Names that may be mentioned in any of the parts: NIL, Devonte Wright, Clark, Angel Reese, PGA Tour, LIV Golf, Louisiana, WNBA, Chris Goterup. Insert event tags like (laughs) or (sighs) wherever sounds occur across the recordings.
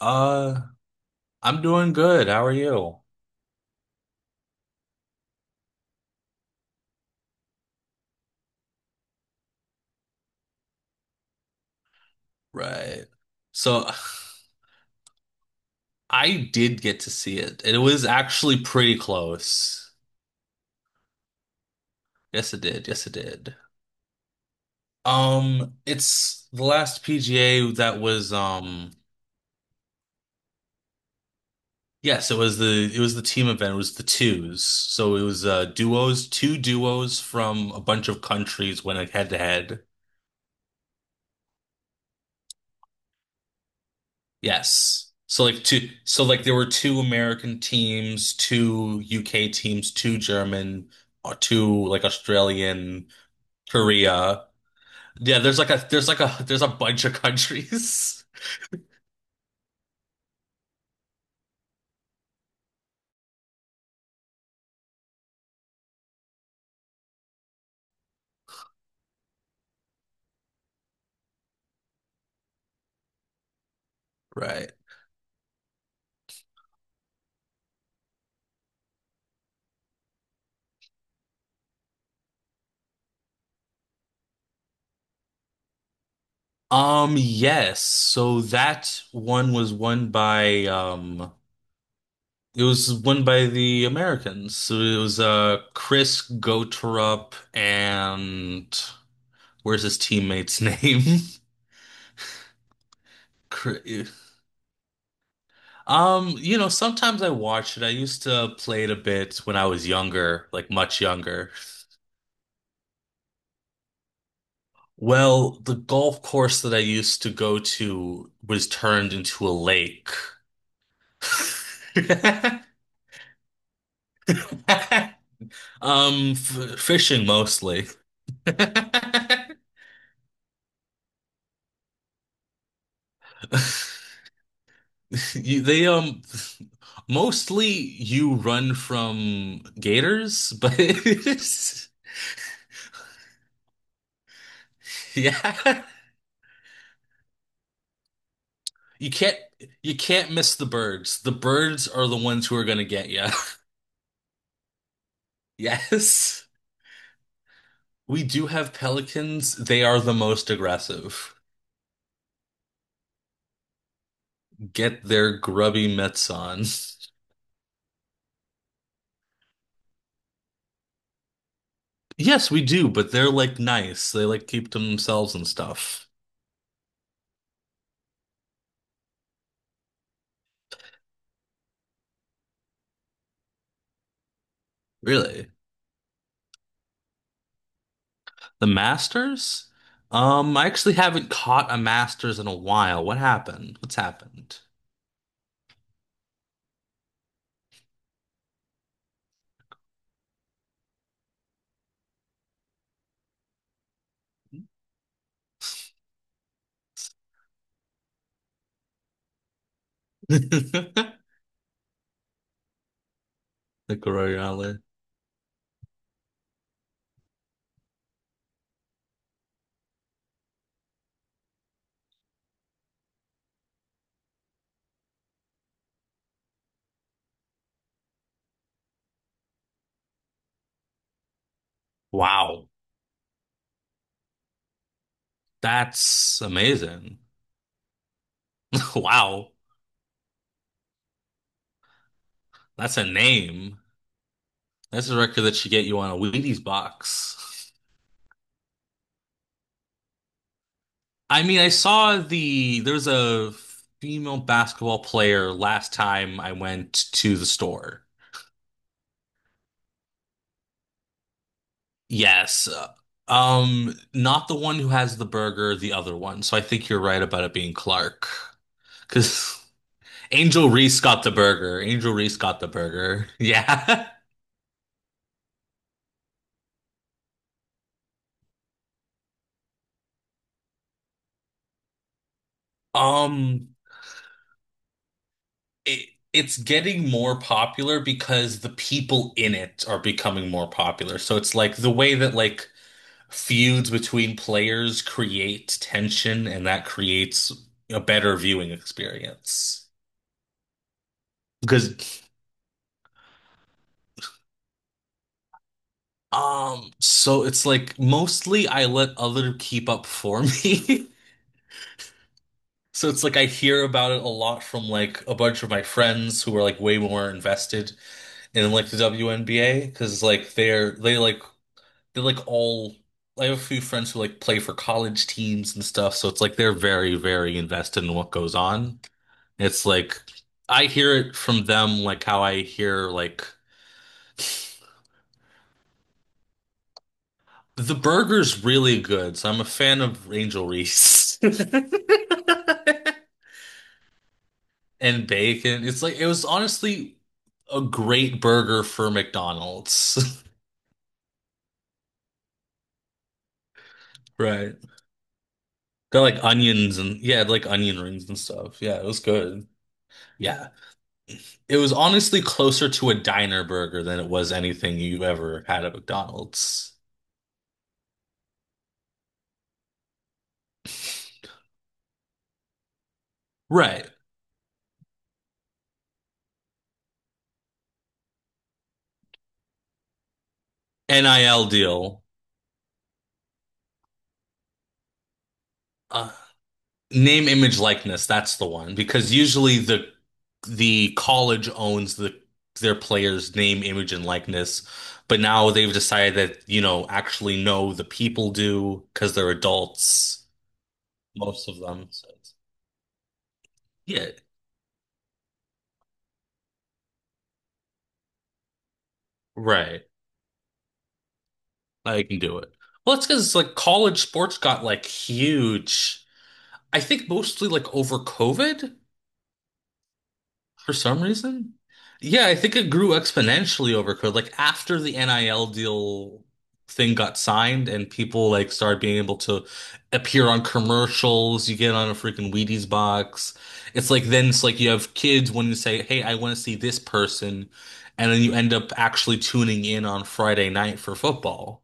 Uh, I'm doing good. How are you? Right. So (sighs) I did get to see it. It was actually pretty close. Yes, it did. Yes, it did. It's the last PGA that was yes, it was the team event. It was the twos. So it was duos, two duos from a bunch of countries went head to head. Yes. So like two, so like there were two American teams, two UK teams, two German, or two like Australian, Korea. Yeah, there's a bunch of countries. (laughs) Right. Yes. So that one was won by the Americans. So it was Chris Goterup and where's his teammate's name? (laughs) Chri- Sometimes I watch it. I used to play it a bit when I was younger, like much younger. Well, the golf course that I used to go to was turned into a lake. (laughs) F Fishing mostly. (laughs) You, they Mostly you run from gators, but (laughs) yeah. You can't you can't miss the birds. The birds are the ones who are going to get you. (laughs) Yes. We do have pelicans. They are the most aggressive. Get their grubby mitts on. (laughs) Yes, we do, but they're like nice. They like keep to themselves and stuff. Really? The Masters? I actually haven't caught a Masters in a while. What happened? What's happened? (laughs) The Coriolis. Wow. That's amazing. (laughs) Wow. That's a name. That's a record that should get you on a Wheaties box. I mean, I saw there was a female basketball player last time I went to the store. Yes. Not the one who has the burger, the other one. So I think you're right about it being Clark. Because (laughs) Angel Reese got the burger. Angel Reese got the burger. (laughs) Yeah. Um, it's getting more popular because the people in it are becoming more popular. So it's like the way that like feuds between players create tension and that creates a better viewing experience. Because So it's like mostly I let other keep up for me. (laughs) So it's like I hear about it a lot from like a bunch of my friends who are like way more invested in like the WNBA because like they're they like they're like all I have a few friends who like play for college teams and stuff, so it's like they're very, very invested in what goes on. It's like I hear it from them like how I hear like the burger's really good, so I'm a fan of Angel Reese (laughs) and bacon. It's like it was honestly a great burger for McDonald's. (laughs) Right. Got like onions and yeah, like onion rings and stuff. Yeah, it was good. Yeah. It was honestly closer to a diner burger than it was anything you ever had at McDonald's. Right. NIL deal. Uh, Name, image, likeness. That's the one because usually the college owns their players' name, image, and likeness. But now they've decided that, actually no, the people do because they're adults, most of them. Yeah, right. I can do it. Well, it's because like college sports got like huge. I think mostly like over COVID for some reason. Yeah, I think it grew exponentially over COVID. Like after the NIL deal thing got signed and people like started being able to appear on commercials, you get on a freaking Wheaties box. It's like then it's like you have kids wanting to say, "Hey, I want to see this person," and then you end up actually tuning in on Friday night for football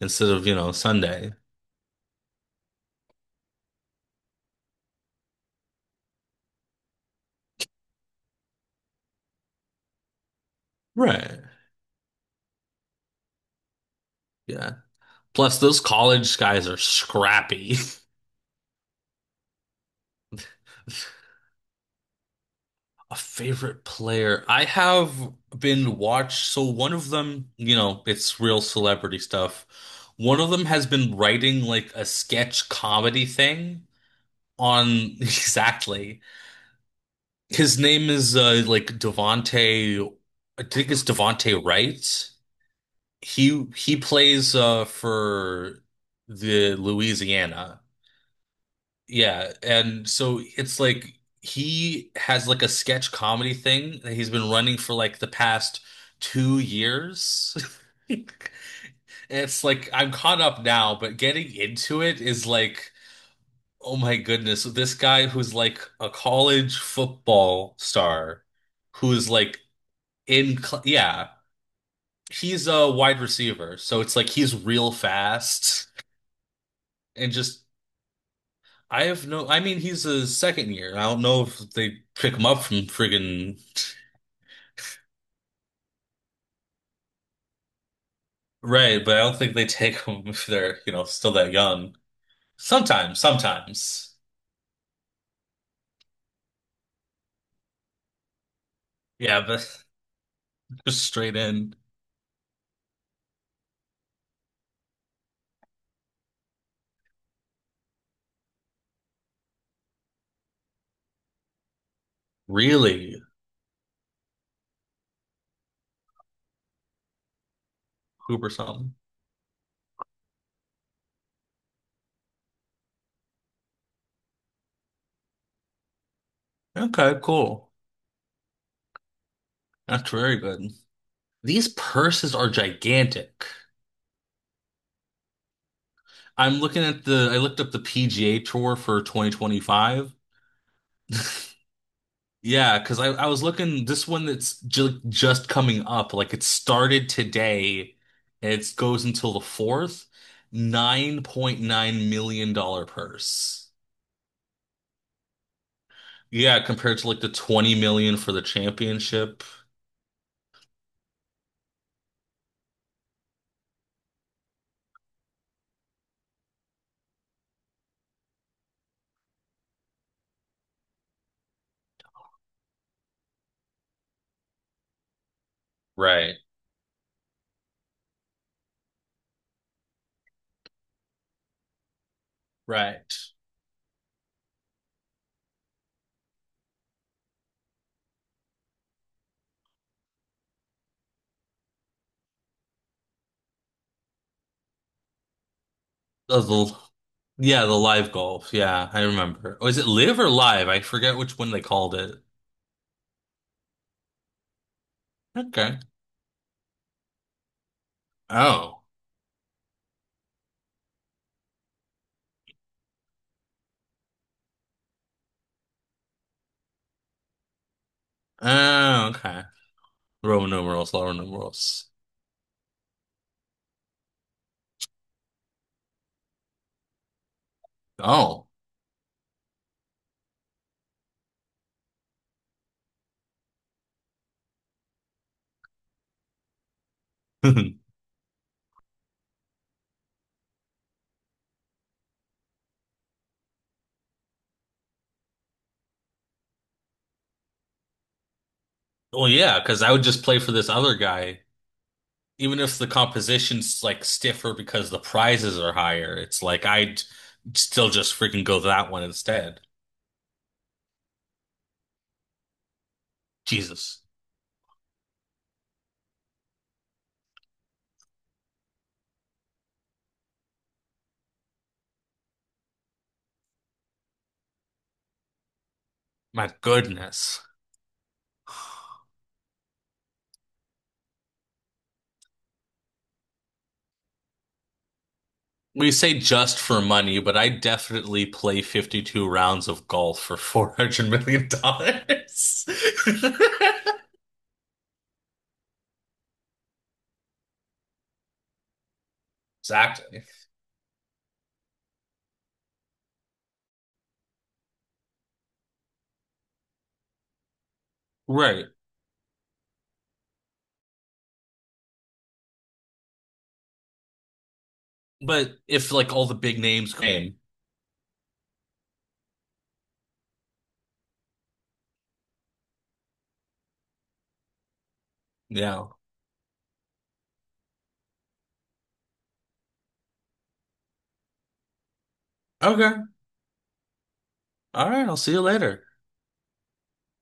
instead of, Sunday. Right. Yeah. Plus, those college guys are scrappy. (laughs) A favorite player. I have been watched. So one of them, it's real celebrity stuff. One of them has been writing like a sketch comedy thing on (laughs) exactly. His name is like Devonte. I think it's Devonte Wright. He plays for the Louisiana. Yeah, and so it's like he has like a sketch comedy thing that he's been running for like the past 2 years. (laughs) And it's like I'm caught up now, but getting into it is like, oh my goodness, so this guy who's like a college football star, who's like in, cl yeah, he's a wide receiver, so it's like he's real fast and just I have no, I mean, he's a second year. I don't know if they pick him up from friggin' right, but I don't think they (laughs) take him if they're, still that young. Sometimes, sometimes. Yeah, but (laughs) just straight in. Really? Hooper something. Okay, cool. That's very good. These purses are gigantic. I'm looking at I looked up the PGA Tour for 2025. (laughs) Yeah, because I was looking this one that's ju just coming up. Like it started today and it goes until the fourth. $9.9 million dollar purse. Yeah, compared to like the 20 million for the championship. Right, right. Uh, the, yeah, the live golf. Yeah, I remember. Oh, is it live or live? I forget which one they called it. Okay. Oh. Oh, okay. Roman numerals, Roman numerals. Oh. (laughs) Well, yeah, because I would just play for this other guy, even if the competition's like stiffer because the prizes are higher. It's like I'd still just freaking go that one instead. Jesus, my goodness. We say just for money, but I definitely play 52 rounds of golf for (laughs) $400 million. (laughs) Exactly. Right. But if like all the big names came, yeah. Okay. All right, I'll see you later.